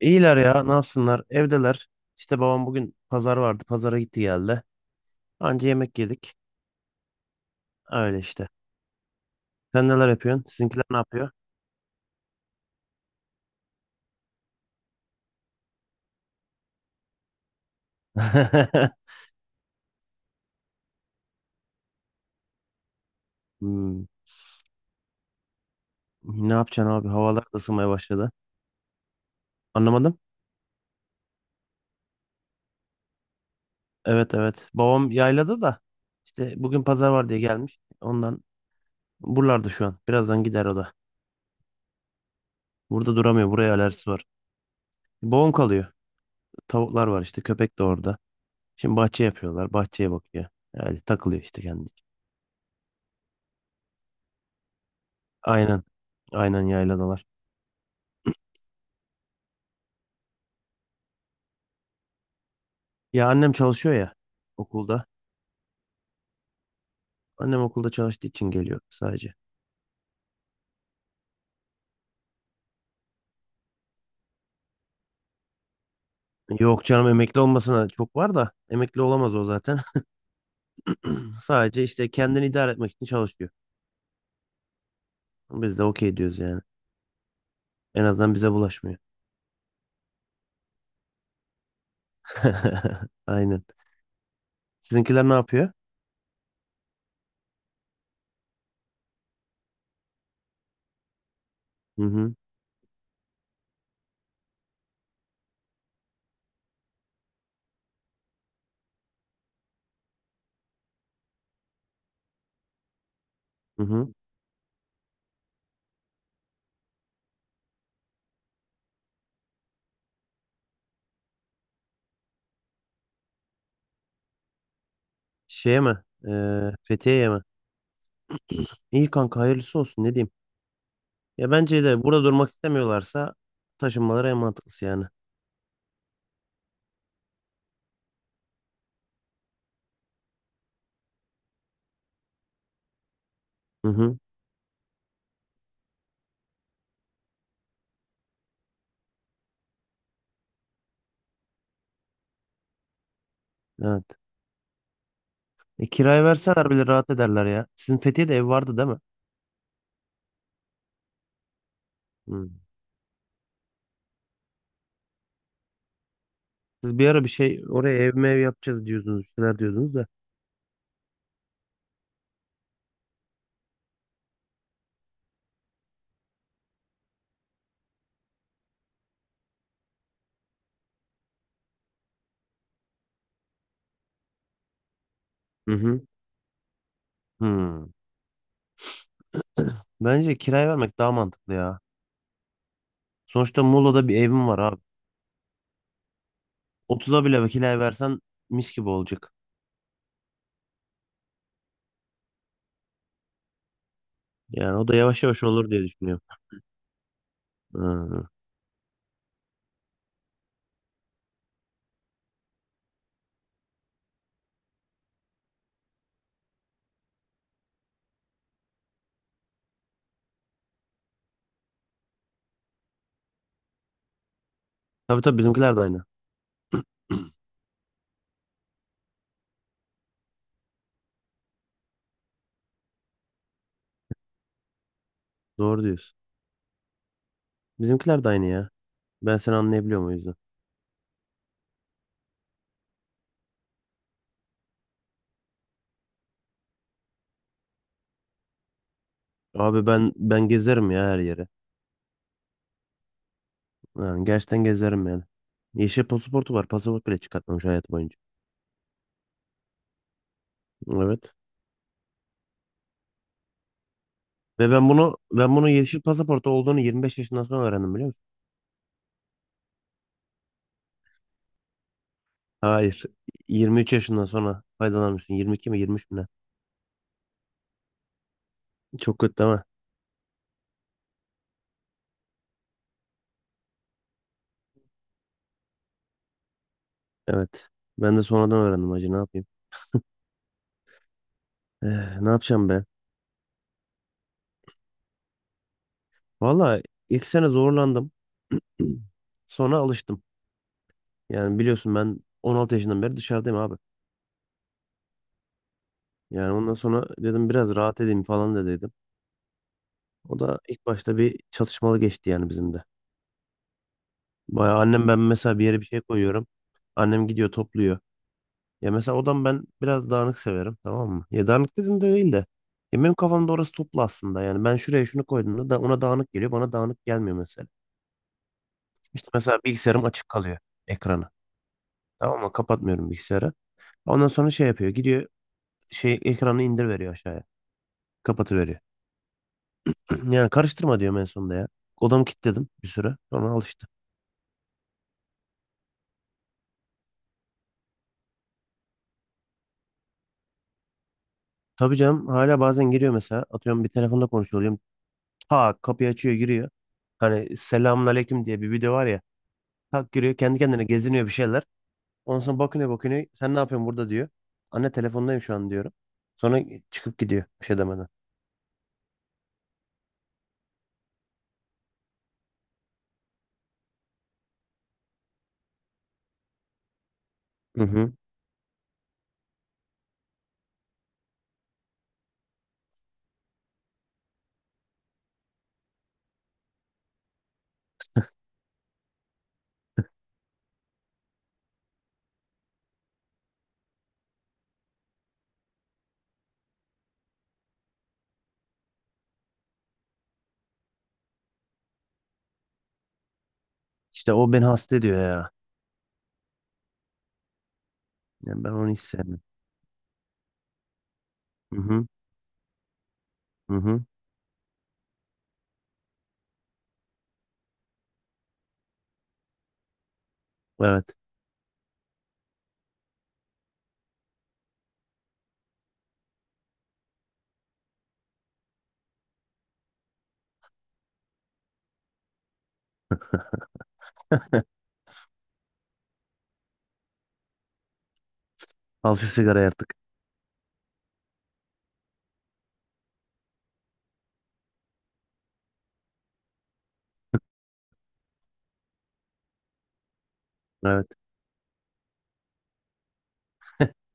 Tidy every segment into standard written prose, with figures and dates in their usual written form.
İyiler ya, ne yapsınlar, evdeler. İşte babam bugün pazar vardı, pazara gitti geldi. Anca yemek yedik, öyle işte. Sen neler yapıyorsun? Sizinkiler ne yapıyor? Hmm. Ne yapacaksın abi, havalar da ısınmaya başladı. Anlamadım. Evet, evet, babam yaylada da işte bugün pazar var diye gelmiş. Ondan buralarda şu an, birazdan gider o da. Burada duramıyor, buraya alerjisi var. Babam kalıyor, tavuklar var işte, köpek de orada. Şimdi bahçe yapıyorlar, bahçeye bakıyor. Yani takılıyor işte kendi. Aynen, aynen yayladalar. Ya annem çalışıyor ya, okulda. Annem okulda çalıştığı için geliyor sadece. Yok canım, emekli olmasına çok var da emekli olamaz o zaten. Sadece işte kendini idare etmek için çalışıyor. Biz de okey diyoruz yani. En azından bize bulaşmıyor. Aynen. Sizinkiler ne yapıyor? Hı hı. Hı hı. Şeye mi? Fethiye'ye mi? İyi kanka, hayırlısı olsun, ne diyeyim. Ya bence de, burada durmak istemiyorlarsa taşınmaları en mantıklısı yani. Hı hı. Evet. Kiraya verseler bile rahat ederler ya. Sizin Fethiye'de ev vardı değil mi? Hı. Siz bir ara bir şey oraya ev mev yapacağız diyordunuz, bir şeyler diyordunuz da. Hı hı. Hmm. Bence kiraya vermek daha mantıklı ya. Sonuçta Muğla'da bir evim var abi. 30'a bile kiraya versen mis gibi olacak. Yani o da yavaş yavaş olur diye düşünüyorum. Hı. Tabii, tabii, bizimkiler de aynı. Doğru diyorsun. Bizimkiler de aynı ya. Ben seni anlayabiliyorum o yüzden. Abi ben gezerim ya her yere. Yani gerçekten gezerim yani. Yeşil pasaportu var. Pasaport bile çıkartmamış hayatı boyunca. Evet. Ve ben bunu yeşil pasaportu olduğunu 25 yaşından sonra öğrendim, biliyor musun? Hayır. 23 yaşından sonra faydalanmışsın. 22 mi 23 mü ne? Çok kötü değil mi? Evet. Ben de sonradan öğrendim hacı, ne yapayım. Eh, ne yapacağım be? Valla ilk sene zorlandım. Sonra alıştım. Yani biliyorsun ben 16 yaşından beri dışarıdayım abi. Yani ondan sonra dedim biraz rahat edeyim falan da dedim. O da ilk başta bir çatışmalı geçti yani bizim de. Baya, annem ben mesela bir yere bir şey koyuyorum. Annem gidiyor topluyor. Ya mesela odam, ben biraz dağınık severim, tamam mı? Ya dağınık dedim de, değil de. Ya benim kafamda orası toplu aslında. Yani ben şuraya şunu koyduğumda da ona dağınık geliyor. Bana dağınık gelmiyor mesela. İşte mesela bilgisayarım açık kalıyor, ekranı. Tamam mı? Kapatmıyorum bilgisayarı. Ondan sonra şey yapıyor. Gidiyor şey, ekranı indir veriyor aşağıya. Kapatıveriyor. Yani karıştırma diyorum en sonunda ya. Odamı kilitledim bir süre. Sonra alıştı. Tabii canım, hala bazen giriyor mesela. Atıyorum bir telefonda konuşuyor oluyorum. Tak kapıyı açıyor giriyor. Hani selamun aleyküm diye bir video var ya. Kalk giriyor kendi kendine geziniyor bir şeyler. Ondan sonra bakınıyor bakınıyor. Sen ne yapıyorsun burada diyor. Anne telefondayım şu an diyorum. Sonra çıkıp gidiyor bir şey demeden. Hı hı. İşte o beni hasta ediyor ya. Yani ben onu hiç sevmem. Hı hı. Hı hı. Evet. Al şu sigarayı artık. Evet.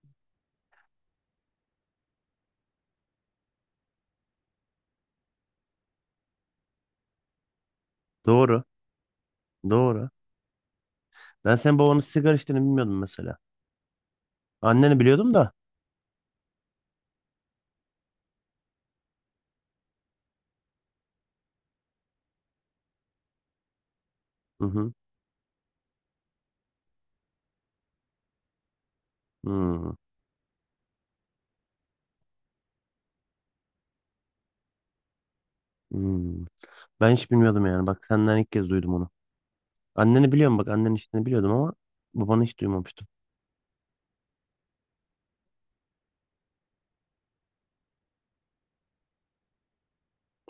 Doğru. Doğru. Ben senin babanın sigara içtiğini bilmiyordum mesela. Anneni biliyordum da. Hı hı. Hı. Hı. Ben hiç bilmiyordum yani. Bak senden ilk kez duydum onu. Anneni biliyorum, bak annenin içtiğini biliyordum ama babanı hiç duymamıştım.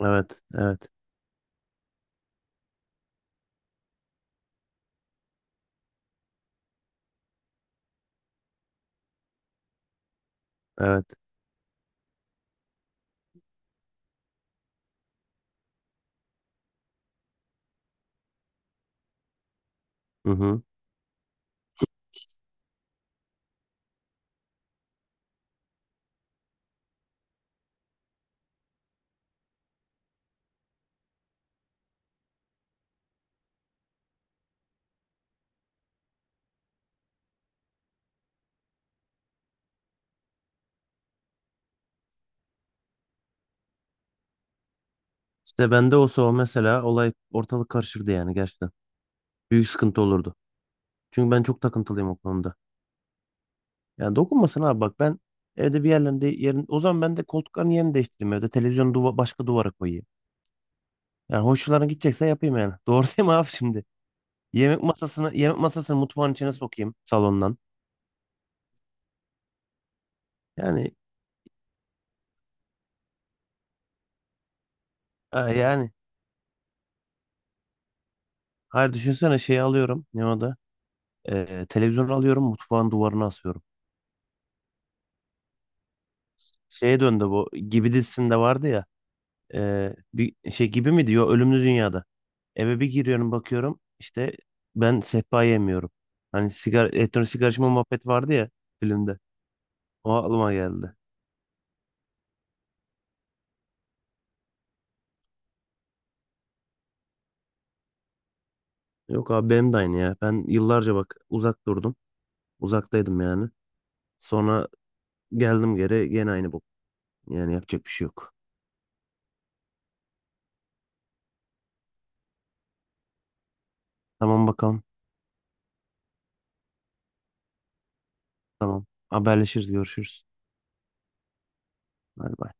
Evet. Evet. Evet. Hı hı. İşte bende olsa o mesela, olay ortalık karışırdı yani gerçekten. Büyük sıkıntı olurdu. Çünkü ben çok takıntılıyım o konuda. Yani dokunmasın abi, bak ben evde bir yerlerinde yerin, o zaman ben de koltukların yerini değiştireyim evde. Televizyonu başka duvara koyayım. Yani hoşçularına gidecekse yapayım yani. Doğru değil mi abi şimdi? Yemek masasını yemek masasını mutfağın içine sokayım salondan. Yani ha, yani hayır düşünsene şeyi alıyorum ne o da? Televizyonu alıyorum mutfağın duvarına asıyorum. Şeye döndü bu gibi dizisinde vardı ya. Bir şey gibi mi diyor ölümlü dünyada. Eve bir giriyorum bakıyorum işte ben sehpa yemiyorum. Hani sigara, elektronik sigara içme muhabbet vardı ya filmde. O aklıma geldi. Yok abi benim de aynı ya. Ben yıllarca bak uzak durdum. Uzaktaydım yani. Sonra geldim geri gene aynı bu. Yani yapacak bir şey yok. Tamam bakalım. Tamam. Haberleşiriz görüşürüz. Bay bay.